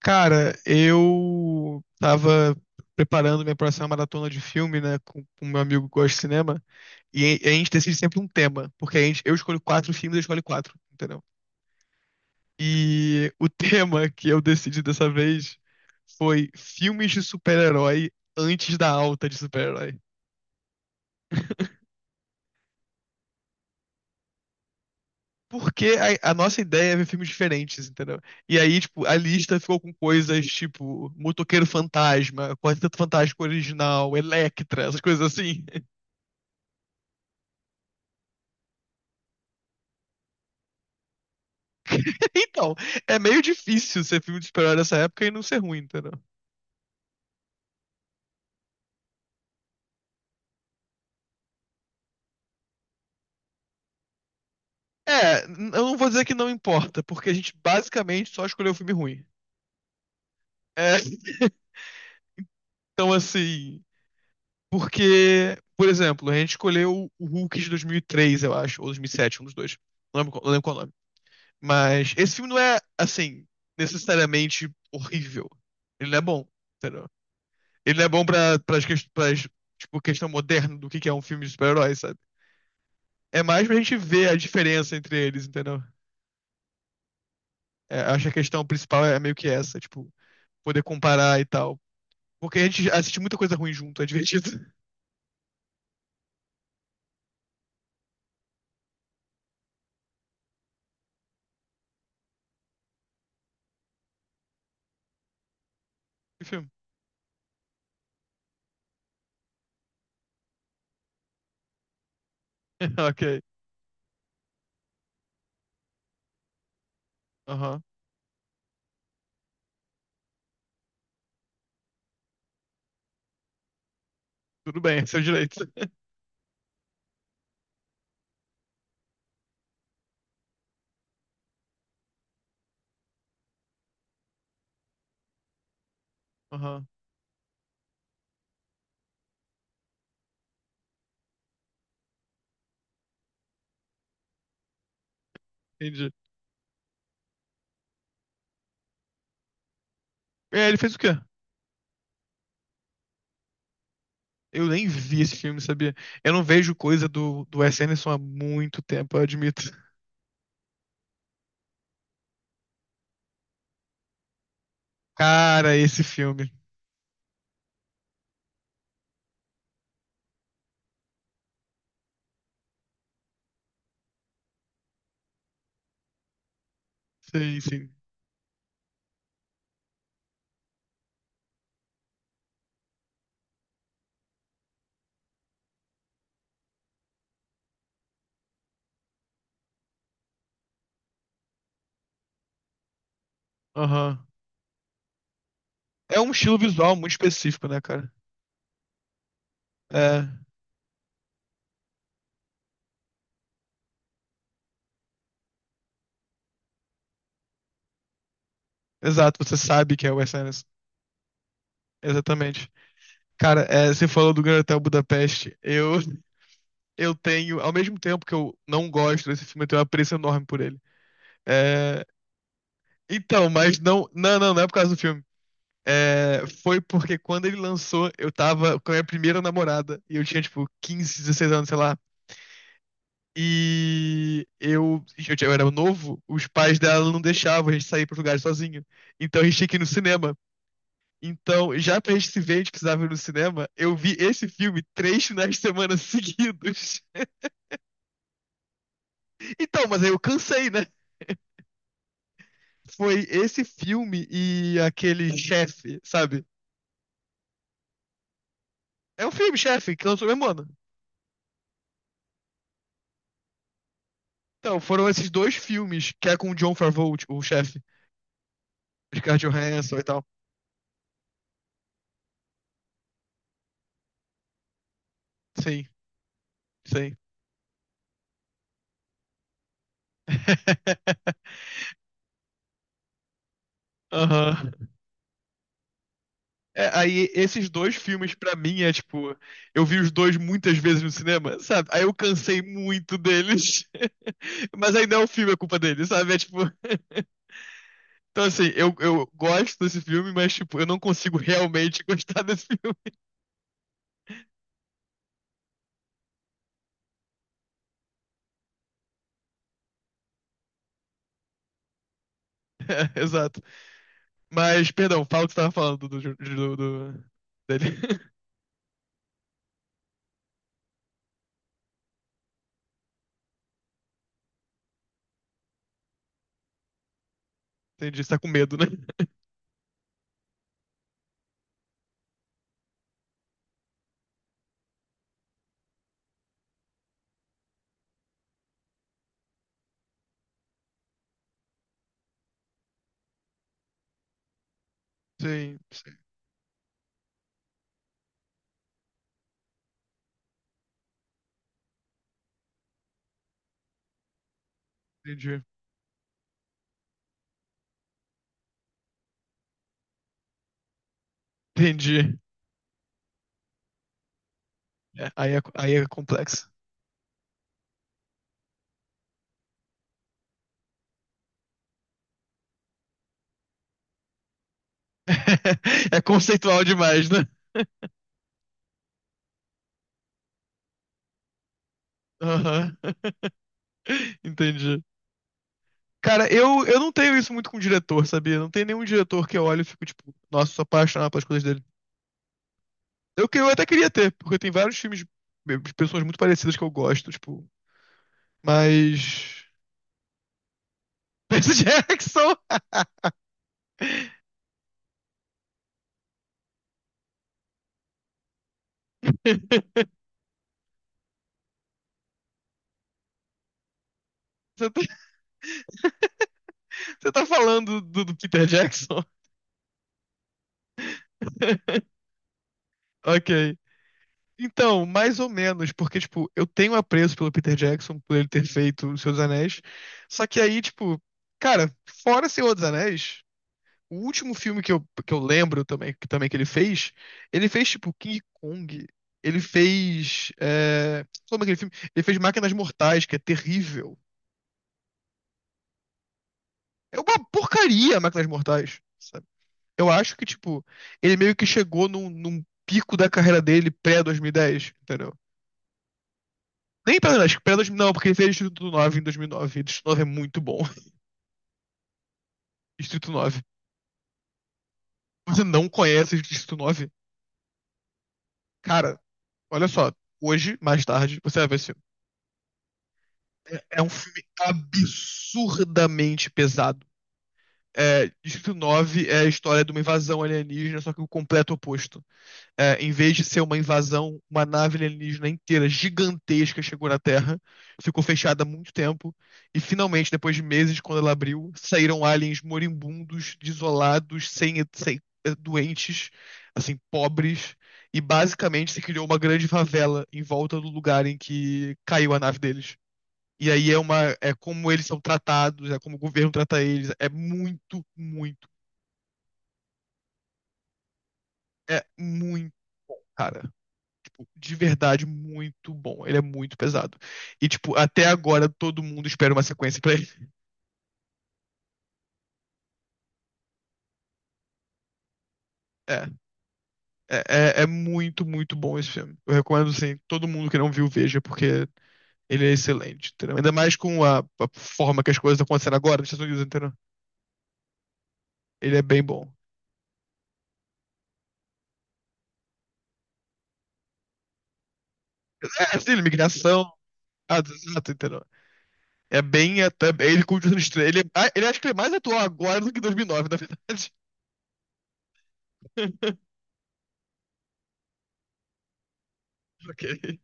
Cara, eu tava preparando minha próxima maratona de filme, né, com o meu amigo que gosta de cinema, e a gente decide sempre um tema, porque a gente, eu escolho quatro filmes, ele escolhe quatro, entendeu? E o tema que eu decidi dessa vez foi filmes de super-herói antes da alta de super-herói. Porque a nossa ideia é ver filmes diferentes, entendeu? E aí, tipo, a lista ficou com coisas tipo Motoqueiro Fantasma, Quarteto Fantástico Original, Elektra, essas coisas assim. Então, é meio difícil ser filme de super-herói nessa época e não ser ruim, entendeu? É, eu não vou dizer que não importa, porque a gente basicamente só escolheu um filme ruim. É, então assim, porque, por exemplo, a gente escolheu o Hulk de 2003, eu acho, ou 2007, um dos dois. Não lembro, não lembro qual é o nome. Mas esse filme não é, assim, necessariamente horrível. Ele não é bom, entendeu? Ele não é bom pras, tipo, questão moderna do que é um filme de super-herói, sabe? É mais pra gente ver a diferença entre eles, entendeu? É, acho que a questão principal é meio que essa, tipo, poder comparar e tal. Porque a gente assiste muita coisa ruim junto, é divertido. Que filme? Ok. Aham. Tudo bem, é seu direito. Aham. Entendi. É, ele fez o quê? Eu nem vi esse filme, sabia? Eu não vejo coisa do Wes Anderson há muito tempo, eu admito. Cara, esse filme. Sim, sim. Aham. É um estilo visual muito específico, né, cara? É. Exato, você sabe que é o Wes Anderson. Exatamente. Cara, é, você falou do Grand Hotel Budapeste. Eu tenho, ao mesmo tempo que eu não gosto desse filme, eu tenho um apreço enorme por ele. É, então, mas não, não, não, não é por causa do filme. É, foi porque quando ele lançou, eu tava com a minha primeira namorada e eu tinha tipo 15, 16 anos, sei lá. Eu eu era novo, os pais dela não deixavam a gente sair para lugares sozinho. Então a gente tinha que ir no cinema. Então, já pra gente se ver, a gente precisava ir no cinema. Eu vi esse filme 3 finais de semana seguidos. Então, mas aí eu cansei, né? Foi esse filme e aquele chefe, sabe? É um filme, chefe, que lançou o mesmo ano. Então, foram esses dois filmes, que é com o John Favreau, tipo, o chefe, Scarlett Johansson e tal. Sim, sim. Aham. É, aí esses dois filmes pra mim é tipo, eu vi os dois muitas vezes no cinema, sabe? Aí eu cansei muito deles. Mas ainda é o filme a culpa deles, sabe? É tipo. Então, assim, eu gosto desse filme, mas, tipo, eu não consigo realmente gostar desse filme. É, exato. Mas, perdão, fala o que você tava falando do dele. Entendi, você tá com medo, né? Sim, sim, entendi. Entendi. É, aí, é, aí é complexo. É conceitual demais, né? Aham. Entendi. Cara, eu não tenho isso muito com diretor, sabia? Não tem nenhum diretor que eu olho e fico, tipo, nossa, sou apaixonado pelas coisas dele. Eu até queria ter, porque tem vários filmes de pessoas muito parecidas que eu gosto, tipo. Mas. Percy Jackson! Você tá, você tá falando do Peter Jackson? Ok. Então, mais ou menos, porque, tipo, eu tenho apreço pelo Peter Jackson, por ele ter feito Os Seus Anéis. Só que aí, tipo, cara, fora Senhor dos Anéis. O último filme que eu lembro também que ele fez tipo King Kong, ele fez. É... Como é aquele filme? Ele fez Máquinas Mortais, que é terrível. É uma porcaria Máquinas Mortais, sabe? Eu acho que, tipo, ele meio que chegou num pico da carreira dele pré-2010, entendeu? Nem pré-2010, pré-2009, não, porque ele fez Distrito 9 em 2009. E nove. E Distrito 9 é muito bom. Distrito 9. Você não conhece Distrito 9? Cara, olha só. Hoje, mais tarde, você vai ver esse. É um filme absurdamente pesado. É, Distrito 9 é a história de uma invasão alienígena, só que o completo oposto. É, em vez de ser uma invasão, uma nave alienígena inteira, gigantesca, chegou na Terra, ficou fechada há muito tempo, e finalmente, depois de meses, quando ela abriu, saíram aliens moribundos, desolados, sem doentes, assim, pobres, e basicamente se criou uma grande favela em volta do lugar em que caiu a nave deles. E aí é uma, é como eles são tratados, é como o governo trata eles. É muito, muito, é muito, cara, tipo, de verdade muito bom. Ele é muito pesado. E tipo, até agora todo mundo espera uma sequência pra ele. É, é muito, muito bom esse filme. Eu recomendo assim, todo mundo que não viu veja, porque ele é excelente, entendeu? Ainda mais com a forma que as coisas estão acontecendo agora nos Estados Unidos, entendeu? Ele é bem bom. É, assim, imigração, ah, exato, entendeu? É bem. Ele continua sendo estranho. Ele, ah, ele acho que ele é mais atual agora do que em 2009, na verdade. Ok.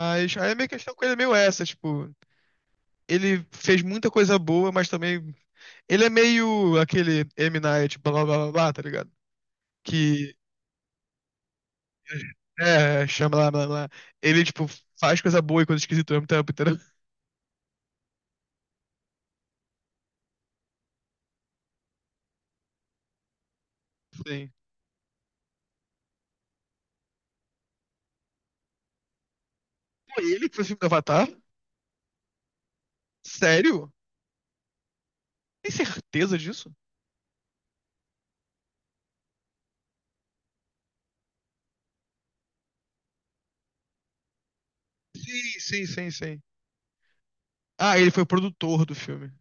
Mas aí a minha questão com ele é meio essa, tipo. Ele fez muita coisa boa, mas também. Ele é meio aquele M. Night, blá blá blá blá, blá, tá ligado? Que. É, chama lá, blá blá. Ele, tipo, faz coisa boa e coisa esquisita ao mesmo tempo, entendeu? Sim. Pô, ele que foi o filme do Avatar? Sério? Tem certeza disso? Sim, sim, sim, sim. Ah, ele foi o produtor do filme.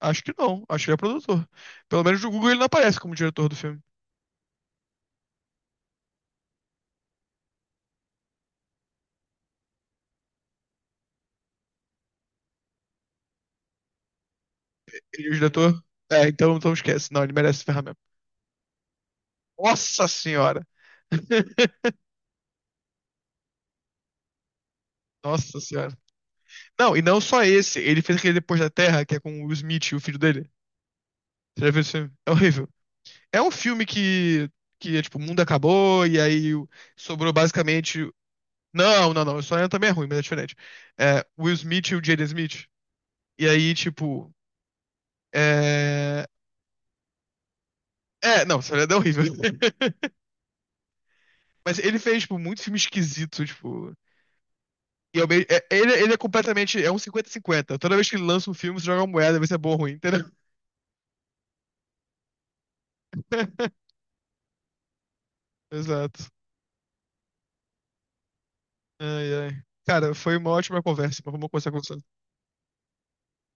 Acho que não, acho que ele é produtor. Pelo menos no Google ele não aparece como diretor do filme. Ele é o diretor. É, então, então esquece. Não, ele merece ferramenta. Nossa senhora! Nossa senhora. Não, e não só esse. Ele fez aquele Depois da Terra, que é com o Will Smith e o filho dele. Você já viu esse filme? É horrível. É um filme que é tipo, o mundo acabou e aí sobrou basicamente. Não, não, não. O sonho também é ruim, mas é diferente. É, o Will Smith e o Jaden Smith. E aí, tipo. É. É, não, Sonhando é horrível. Mas ele fez, tipo, muito filme esquisito, tipo. E ao mesmo- é- ele é completamente. É um 50 50. Toda vez que ele lança um filme, você joga uma moeda, vê se é bom ou ruim, entendeu? Exato. Ai, ai. Cara, foi uma ótima conversa, mas vamos conversar com você.